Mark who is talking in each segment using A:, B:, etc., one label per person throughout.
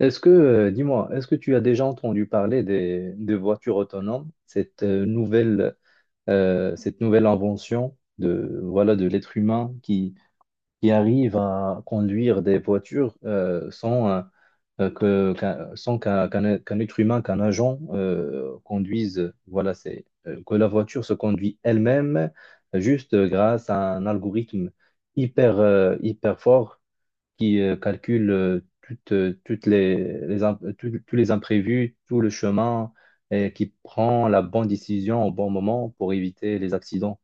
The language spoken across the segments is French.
A: Est-ce que, dis-moi, est-ce que tu as déjà entendu parler des voitures autonomes, cette nouvelle, cette nouvelle invention de, voilà, de l'être humain qui arrive à conduire des voitures sans, que, sans qu'un être humain, qu'un agent conduise, voilà, c'est, que la voiture se conduit elle-même juste grâce à un algorithme hyper fort qui calcule toutes, toutes les tous les imprévus, tout le chemin, et qui prend la bonne décision au bon moment pour éviter les accidents.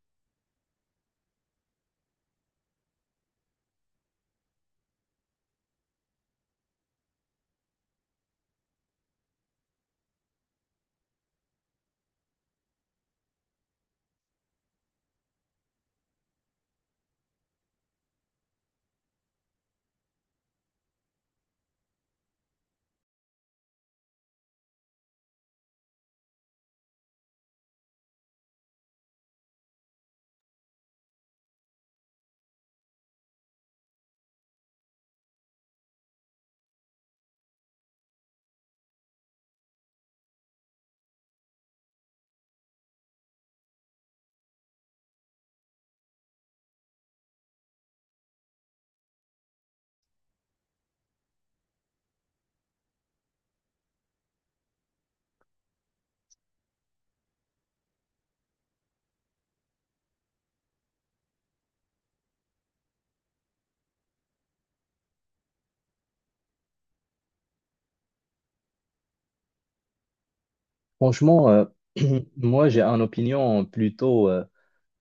A: Franchement, moi, j'ai une opinion plutôt euh,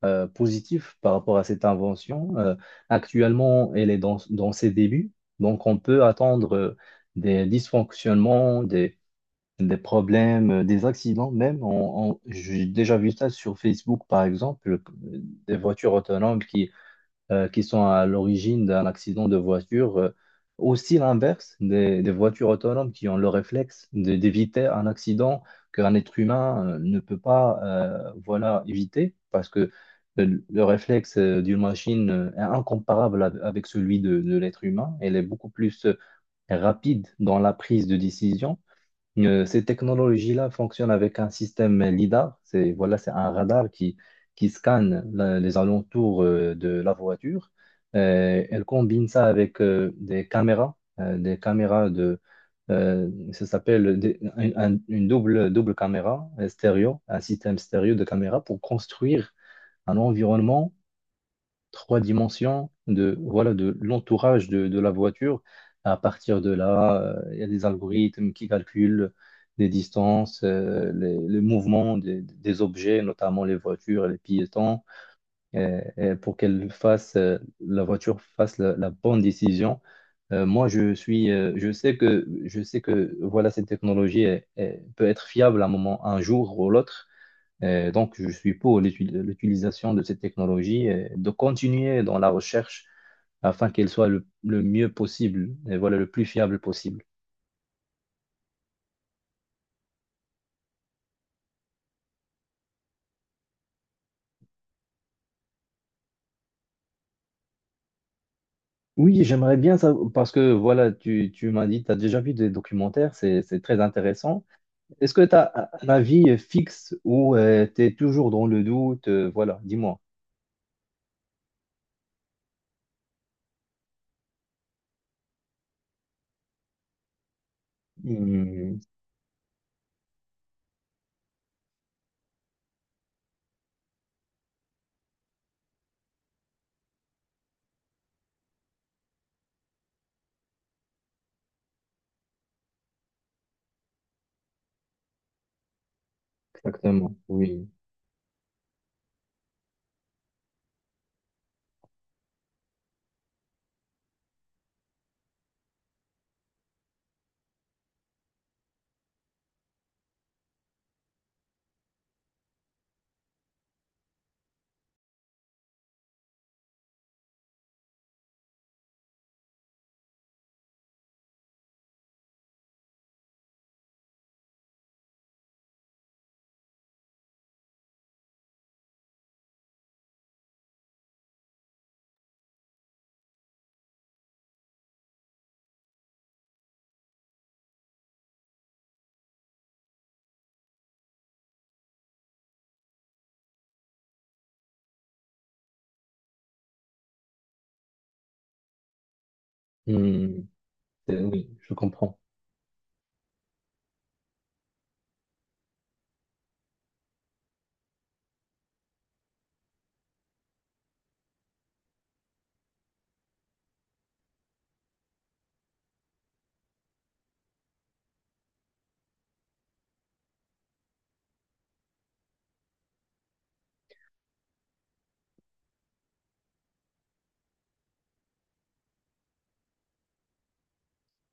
A: euh, positive par rapport à cette invention. Actuellement, elle est dans ses débuts, donc on peut attendre des dysfonctionnements, des problèmes, des accidents même. J'ai déjà vu ça sur Facebook, par exemple, des voitures autonomes qui sont à l'origine d'un accident de voiture. Aussi l'inverse, des voitures autonomes qui ont le réflexe d'éviter un accident qu'un être humain ne peut pas voilà, éviter parce que le réflexe d'une machine est incomparable avec celui de l'être humain. Elle est beaucoup plus rapide dans la prise de décision. Ces technologies-là fonctionnent avec un système LIDAR. C'est voilà, c'est un radar qui scanne les alentours de la voiture. Elle combine ça avec des caméras de, euh, ça s'appelle une double caméra stéréo, un système stéréo de caméras pour construire un environnement trois dimensions de voilà de l'entourage de la voiture. À partir de là, il y a des algorithmes qui calculent les distances, les, le mouvement des objets, notamment les voitures et les piétons, et pour qu'elle fasse la voiture fasse la bonne décision. Moi, je suis, je sais que voilà, cette technologie peut être fiable à un moment, un jour ou l'autre. Donc, je suis pour l'utilisation de cette technologie et de continuer dans la recherche afin qu'elle soit le mieux possible et voilà, le plus fiable possible. Oui, j'aimerais bien ça parce que voilà, tu m'as dit, tu as déjà vu des documentaires, c'est très intéressant. Est-ce que tu as un avis fixe ou tu es toujours dans le doute? Voilà, dis-moi. Hmm, exactement, oui. Hmm, oui, je comprends.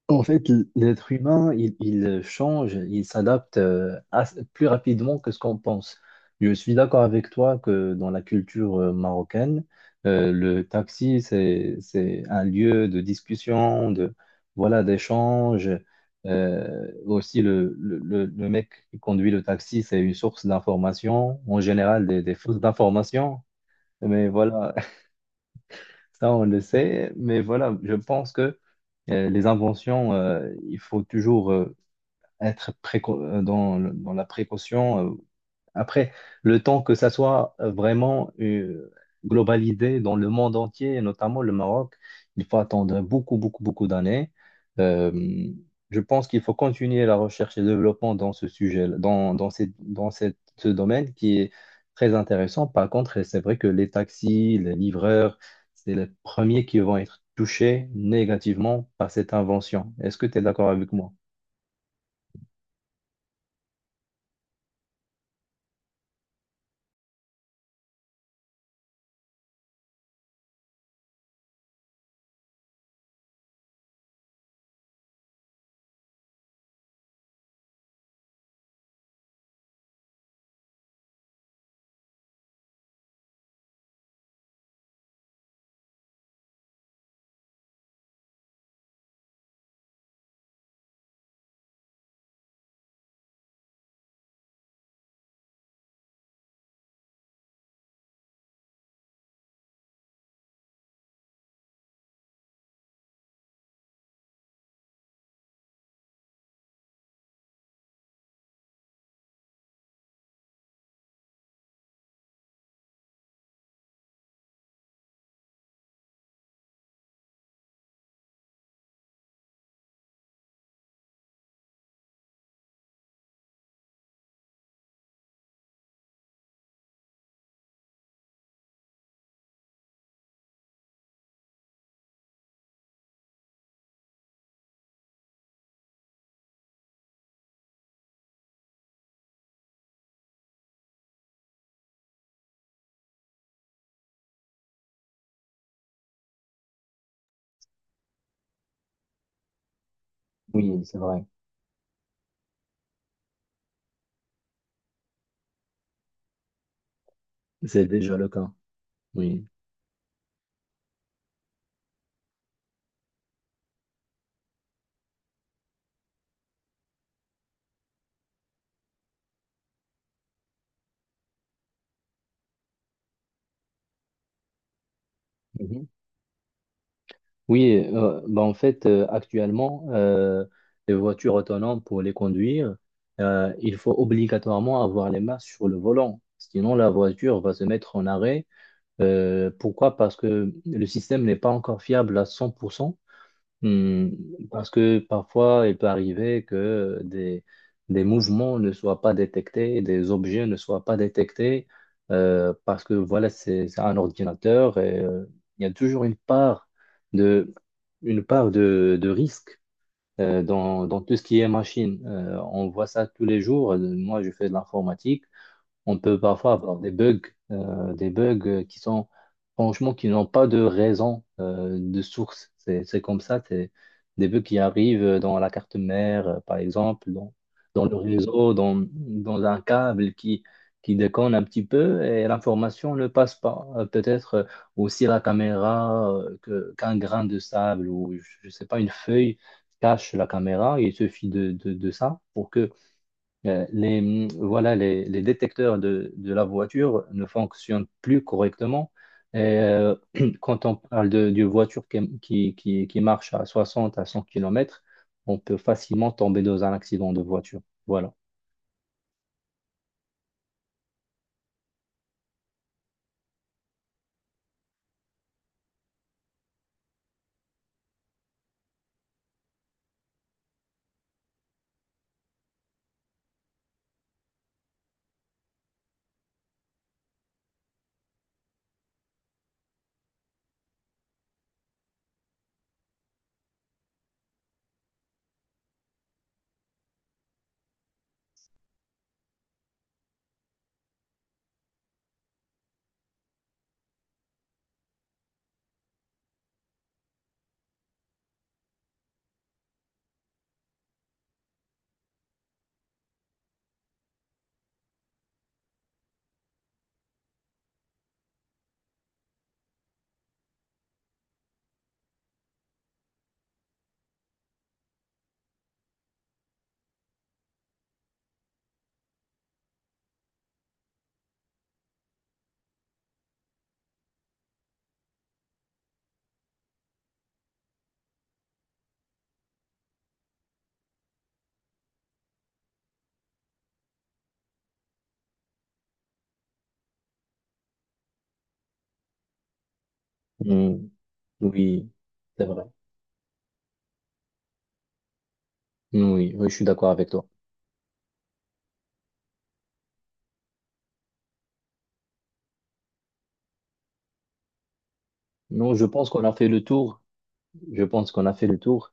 A: En fait, l'être humain, il change, il s'adapte plus rapidement que ce qu'on pense. Je suis d'accord avec toi que dans la culture marocaine, le taxi, c'est un lieu de discussion, de, voilà, d'échange. Aussi, le mec qui conduit le taxi, c'est une source d'information, en général des fausses informations. Mais voilà, ça, on le sait. Mais voilà, je pense que les inventions, il faut toujours être dans, dans la précaution. Euh, après, le temps que ça soit vraiment globalisé dans le monde entier, et notamment le Maroc, il faut attendre beaucoup, beaucoup, beaucoup d'années. Euh, je pense qu'il faut continuer la recherche et le développement dans ce sujet, dans, dans, dans ce domaine qui est très intéressant. Par contre, c'est vrai que les taxis, les livreurs, c'est les premiers qui vont être touchés négativement par cette invention. Est-ce que tu es d'accord avec moi? Oui, c'est vrai. C'est déjà le cas, oui. Mhm. Oui, bah en fait, actuellement, les voitures autonomes, pour les conduire, il faut obligatoirement avoir les mains sur le volant. Sinon, la voiture va se mettre en arrêt. Pourquoi? Parce que le système n'est pas encore fiable à 100%. Hmm, parce que parfois, il peut arriver que des mouvements ne soient pas détectés, des objets ne soient pas détectés, parce que voilà, c'est un ordinateur et il y a toujours de, une part de risque dans, dans tout ce qui est machine. On voit ça tous les jours. Moi, je fais de l'informatique, on peut parfois avoir des bugs qui sont franchement qui n'ont pas de raison de source. C'est comme ça, c'est des bugs qui arrivent dans la carte mère, par exemple, dans, dans le réseau, dans, dans un câble qui déconne un petit peu et l'information ne passe pas. Peut-être aussi la caméra, que, qu'un grain de sable ou je ne sais pas, une feuille cache la caméra. Il suffit de ça pour que voilà, les détecteurs de la voiture ne fonctionnent plus correctement. Et, quand on parle d'une voiture qui, qui marche à 60 à 100 kilomètres, on peut facilement tomber dans un accident de voiture. Voilà. Mm. Oui, c'est vrai. Oui, oui, je suis d'accord avec toi. Non, je pense qu'on a fait le tour. Je pense qu'on a fait le tour.